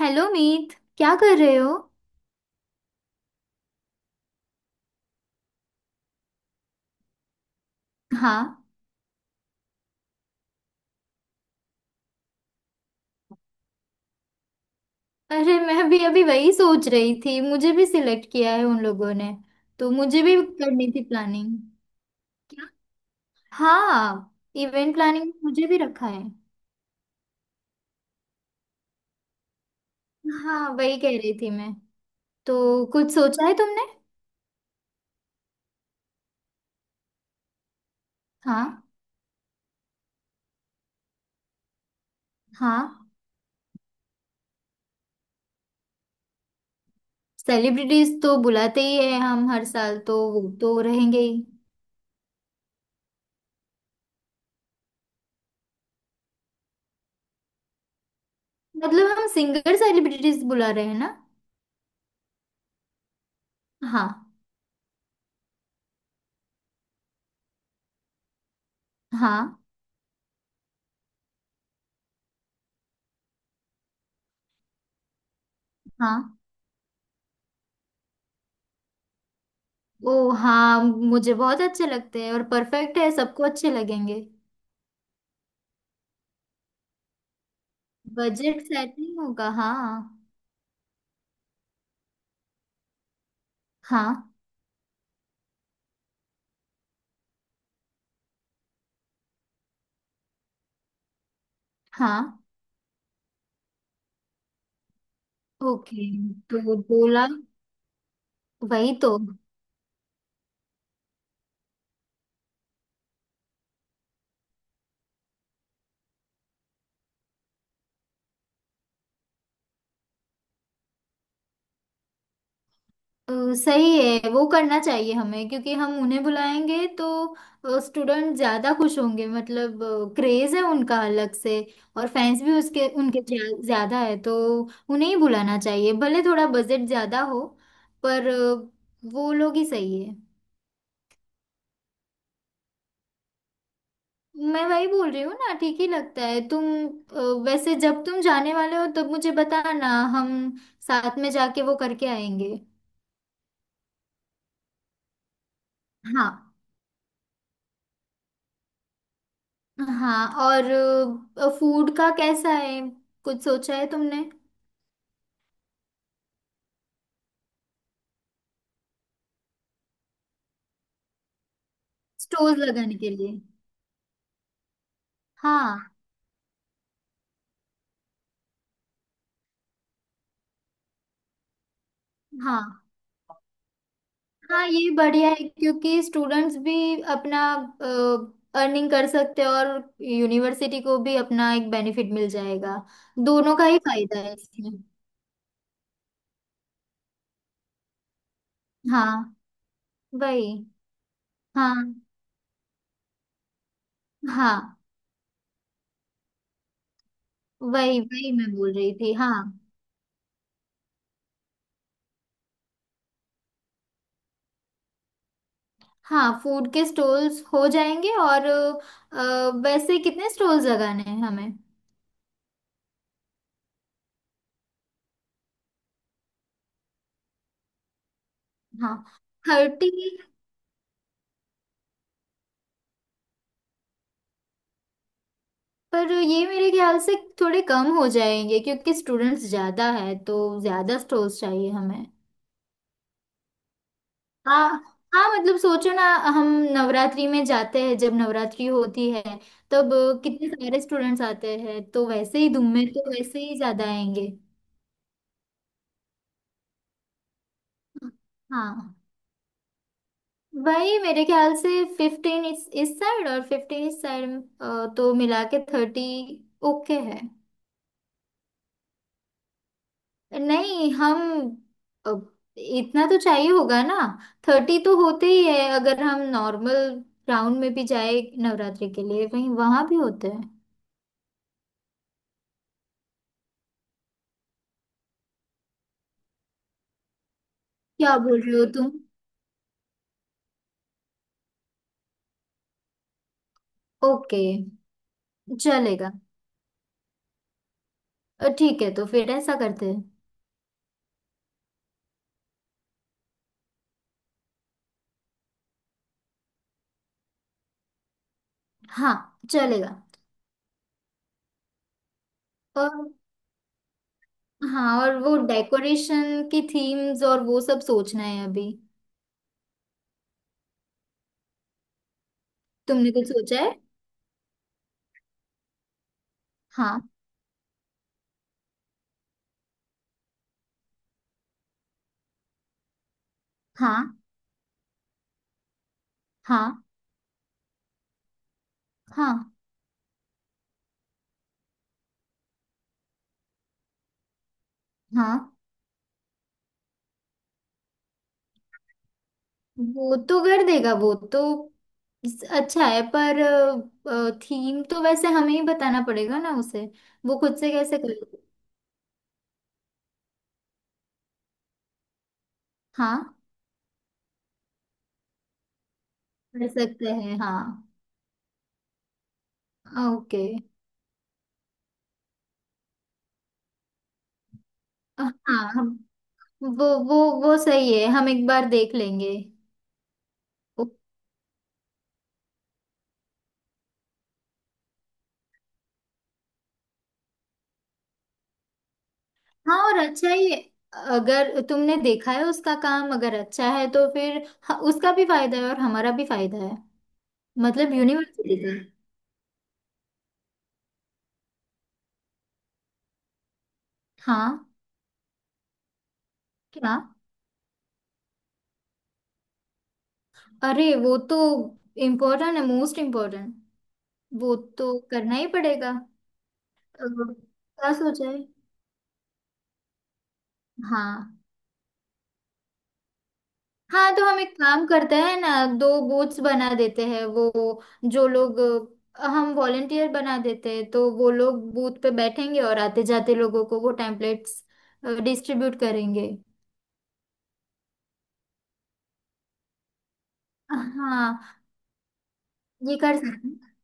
Hello Meet. क्या कर रहे हो। हाँ, अरे मैं भी अभी वही सोच रही थी, मुझे भी सिलेक्ट किया है उन लोगों ने। तो मुझे भी करनी थी प्लानिंग। हाँ, इवेंट प्लानिंग मुझे भी रखा है। हाँ वही कह रही थी मैं। तो कुछ सोचा है तुमने। हाँ। हाँ, सेलिब्रिटीज तो बुलाते ही है हम हर साल, तो वो तो रहेंगे ही। मतलब हम सिंगर सेलिब्रिटीज बुला रहे हैं ना। हाँ। हाँ। हाँ। ओ हाँ, मुझे बहुत अच्छे लगते हैं और परफेक्ट है, सबको अच्छे लगेंगे। बजट सेटिंग होगा। हाँ। हाँ। हाँ। ओके, तो 2 लाख। वही तो। सही है, वो करना चाहिए हमें, क्योंकि हम उन्हें बुलाएंगे तो स्टूडेंट ज्यादा खुश होंगे। मतलब क्रेज है उनका अलग से, और फैंस भी उसके उनके ज्यादा है तो उन्हें ही बुलाना चाहिए, भले थोड़ा बजट ज्यादा हो। पर वो लोग ही सही है। मैं वही बोल रही हूँ ना, ठीक ही लगता है तुम। अ, वैसे जब तुम जाने वाले हो तब मुझे बताना। हम साथ में जाके वो करके आएंगे। हाँ। हाँ, और फूड का कैसा है। कुछ सोचा है तुमने। स्टोर्स लगाने के लिए। हाँ। हाँ। हाँ, ये बढ़िया है क्योंकि स्टूडेंट्स भी अपना अर्निंग कर सकते हैं और यूनिवर्सिटी को भी अपना एक बेनिफिट मिल जाएगा। दोनों का ही फायदा है इसमें। हाँ। वही। हाँ। हाँ, वही वही मैं बोल रही थी। हाँ। हाँ, फूड के स्टॉल्स हो जाएंगे। और वैसे कितने स्टॉल्स लगाने हैं हमें। हाँ। 30। पर ये मेरे ख्याल से थोड़े कम हो जाएंगे क्योंकि स्टूडेंट्स ज्यादा है तो ज्यादा स्टॉल्स चाहिए हमें। हाँ। हाँ मतलब सोचो ना। हम नवरात्रि में जाते हैं, जब नवरात्रि होती है तब कितने सारे स्टूडेंट्स आते हैं, तो वैसे ही धूम में तो वैसे ही ज्यादा आएंगे। हाँ। वही, मेरे ख्याल से 15 इस साइड और 15 इस साइड, तो मिला के 30। ओके है। नहीं हम अ, इतना तो चाहिए होगा ना। 30 तो होते ही है अगर हम नॉर्मल राउंड में भी जाए, नवरात्रि के लिए वहीं वहां भी होते हैं। क्या बोल रहे हो तुम। ओके। चलेगा। ठीक है, तो फिर ऐसा करते हैं। हाँ। चलेगा। और हाँ, और वो डेकोरेशन की थीम्स और वो सब सोचना है अभी। तुमने कुछ सोचा है। हाँ। हाँ। हाँ। हाँ। हाँ, वो तो कर देगा वो तो। अच्छा है, पर थीम तो वैसे हमें ही बताना पड़ेगा ना उसे। वो खुद से कैसे कर। हाँ। कर सकते हैं हाँ। ओके। हाँ। हम वो वो सही है, हम एक बार देख लेंगे। ओ- हाँ, और अच्छा ही है, अगर तुमने देखा है उसका काम अगर अच्छा है तो फिर उसका भी फायदा है और हमारा भी फायदा है। मतलब यूनिवर्सिटी का। हाँ। क्या। अरे, वो तो इम्पोर्टेंट है, मोस्ट इम्पोर्टेंट। वो तो करना ही पड़ेगा। क्या सोचा है। हाँ। हाँ, तो हम एक काम करते हैं ना, दो बोट्स बना देते हैं, वो जो लोग हम वॉलेंटियर बना देते हैं, तो वो लोग बूथ पे बैठेंगे और आते जाते लोगों को वो टेम्पलेट्स डिस्ट्रीब्यूट करेंगे। हाँ। ये कर सकते हैं।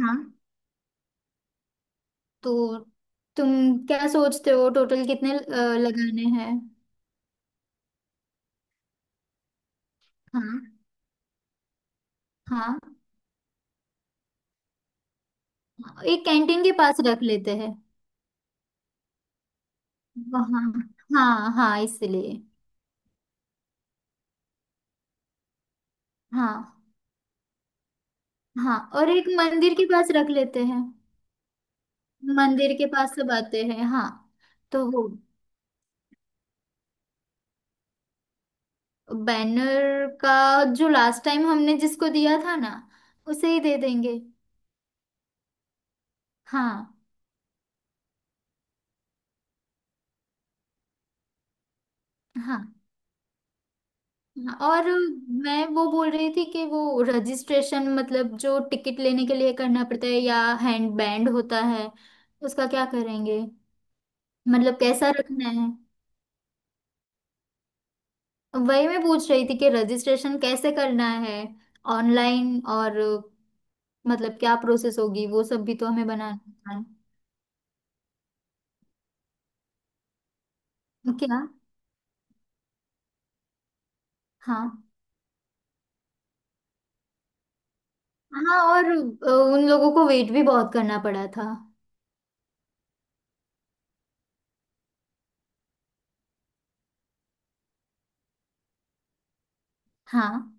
हाँ तो तुम क्या सोचते हो टोटल कितने लगाने हैं। हाँ। हाँ, एक कैंटीन के पास रख लेते हैं। वहाँ। हाँ हाँ इसलिए। हाँ। हाँ, और एक मंदिर के पास रख लेते हैं। मंदिर के पास सब आते हैं हाँ। तो वो बैनर का जो लास्ट टाइम हमने जिसको दिया था ना, उसे ही दे देंगे। हाँ। हाँ। हाँ, और मैं वो बोल रही थी कि वो रजिस्ट्रेशन, मतलब जो टिकट लेने के लिए करना पड़ता है या हैंड बैंड होता है, उसका क्या करेंगे। मतलब कैसा रखना है। वही मैं पूछ रही थी कि रजिस्ट्रेशन कैसे करना है, ऑनलाइन, और मतलब क्या प्रोसेस होगी, वो सब भी तो हमें बनाना। था क्या। हाँ। हाँ, और उन लोगों को वेट भी बहुत करना पड़ा था। हाँ।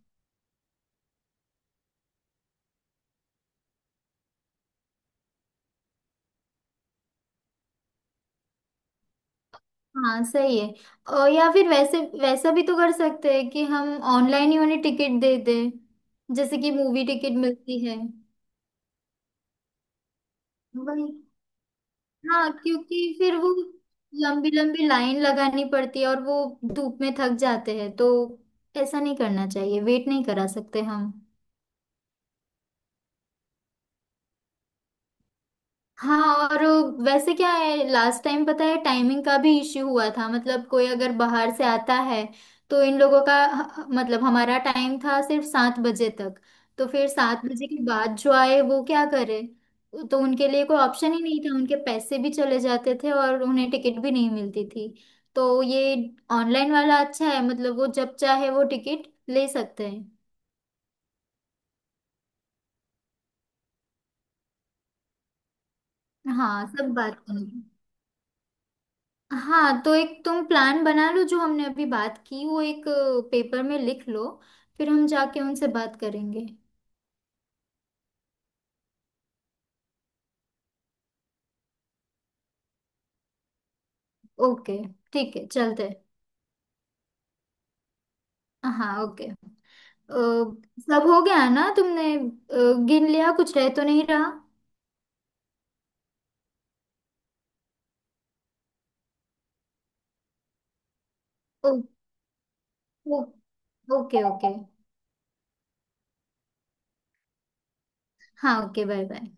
हाँ सही है। और या फिर वैसे वैसा भी तो कर सकते हैं कि हम ऑनलाइन ही उन्हें टिकट दे दें, जैसे कि मूवी टिकट मिलती है। वही। हाँ, क्योंकि फिर वो लंबी लंबी लाइन लगानी पड़ती है और वो धूप में थक जाते हैं, तो ऐसा नहीं करना चाहिए, वेट नहीं करा सकते हम। हाँ, और वैसे क्या है, लास्ट टाइम पता है टाइमिंग का भी इश्यू हुआ था, मतलब कोई अगर बाहर से आता है तो इन लोगों का मतलब हमारा टाइम था सिर्फ 7 बजे तक। तो फिर 7 बजे के बाद जो आए वो क्या करे। तो उनके लिए कोई ऑप्शन ही नहीं था, उनके पैसे भी चले जाते थे और उन्हें टिकट भी नहीं मिलती थी। तो ये ऑनलाइन वाला अच्छा है, मतलब वो जब चाहे वो टिकट ले सकते हैं। हाँ सब बात करेंगे। हाँ, तो एक तुम प्लान बना लो, जो हमने अभी बात की वो एक पेपर में लिख लो, फिर हम जाके उनसे बात करेंगे। ओके, ठीक है चलते हैं। हाँ ओके। सब हो गया ना तुमने। गिन लिया, कुछ रह तो नहीं रहा। Oh, oh, okay okay. हाँ ओके, बाय बाय।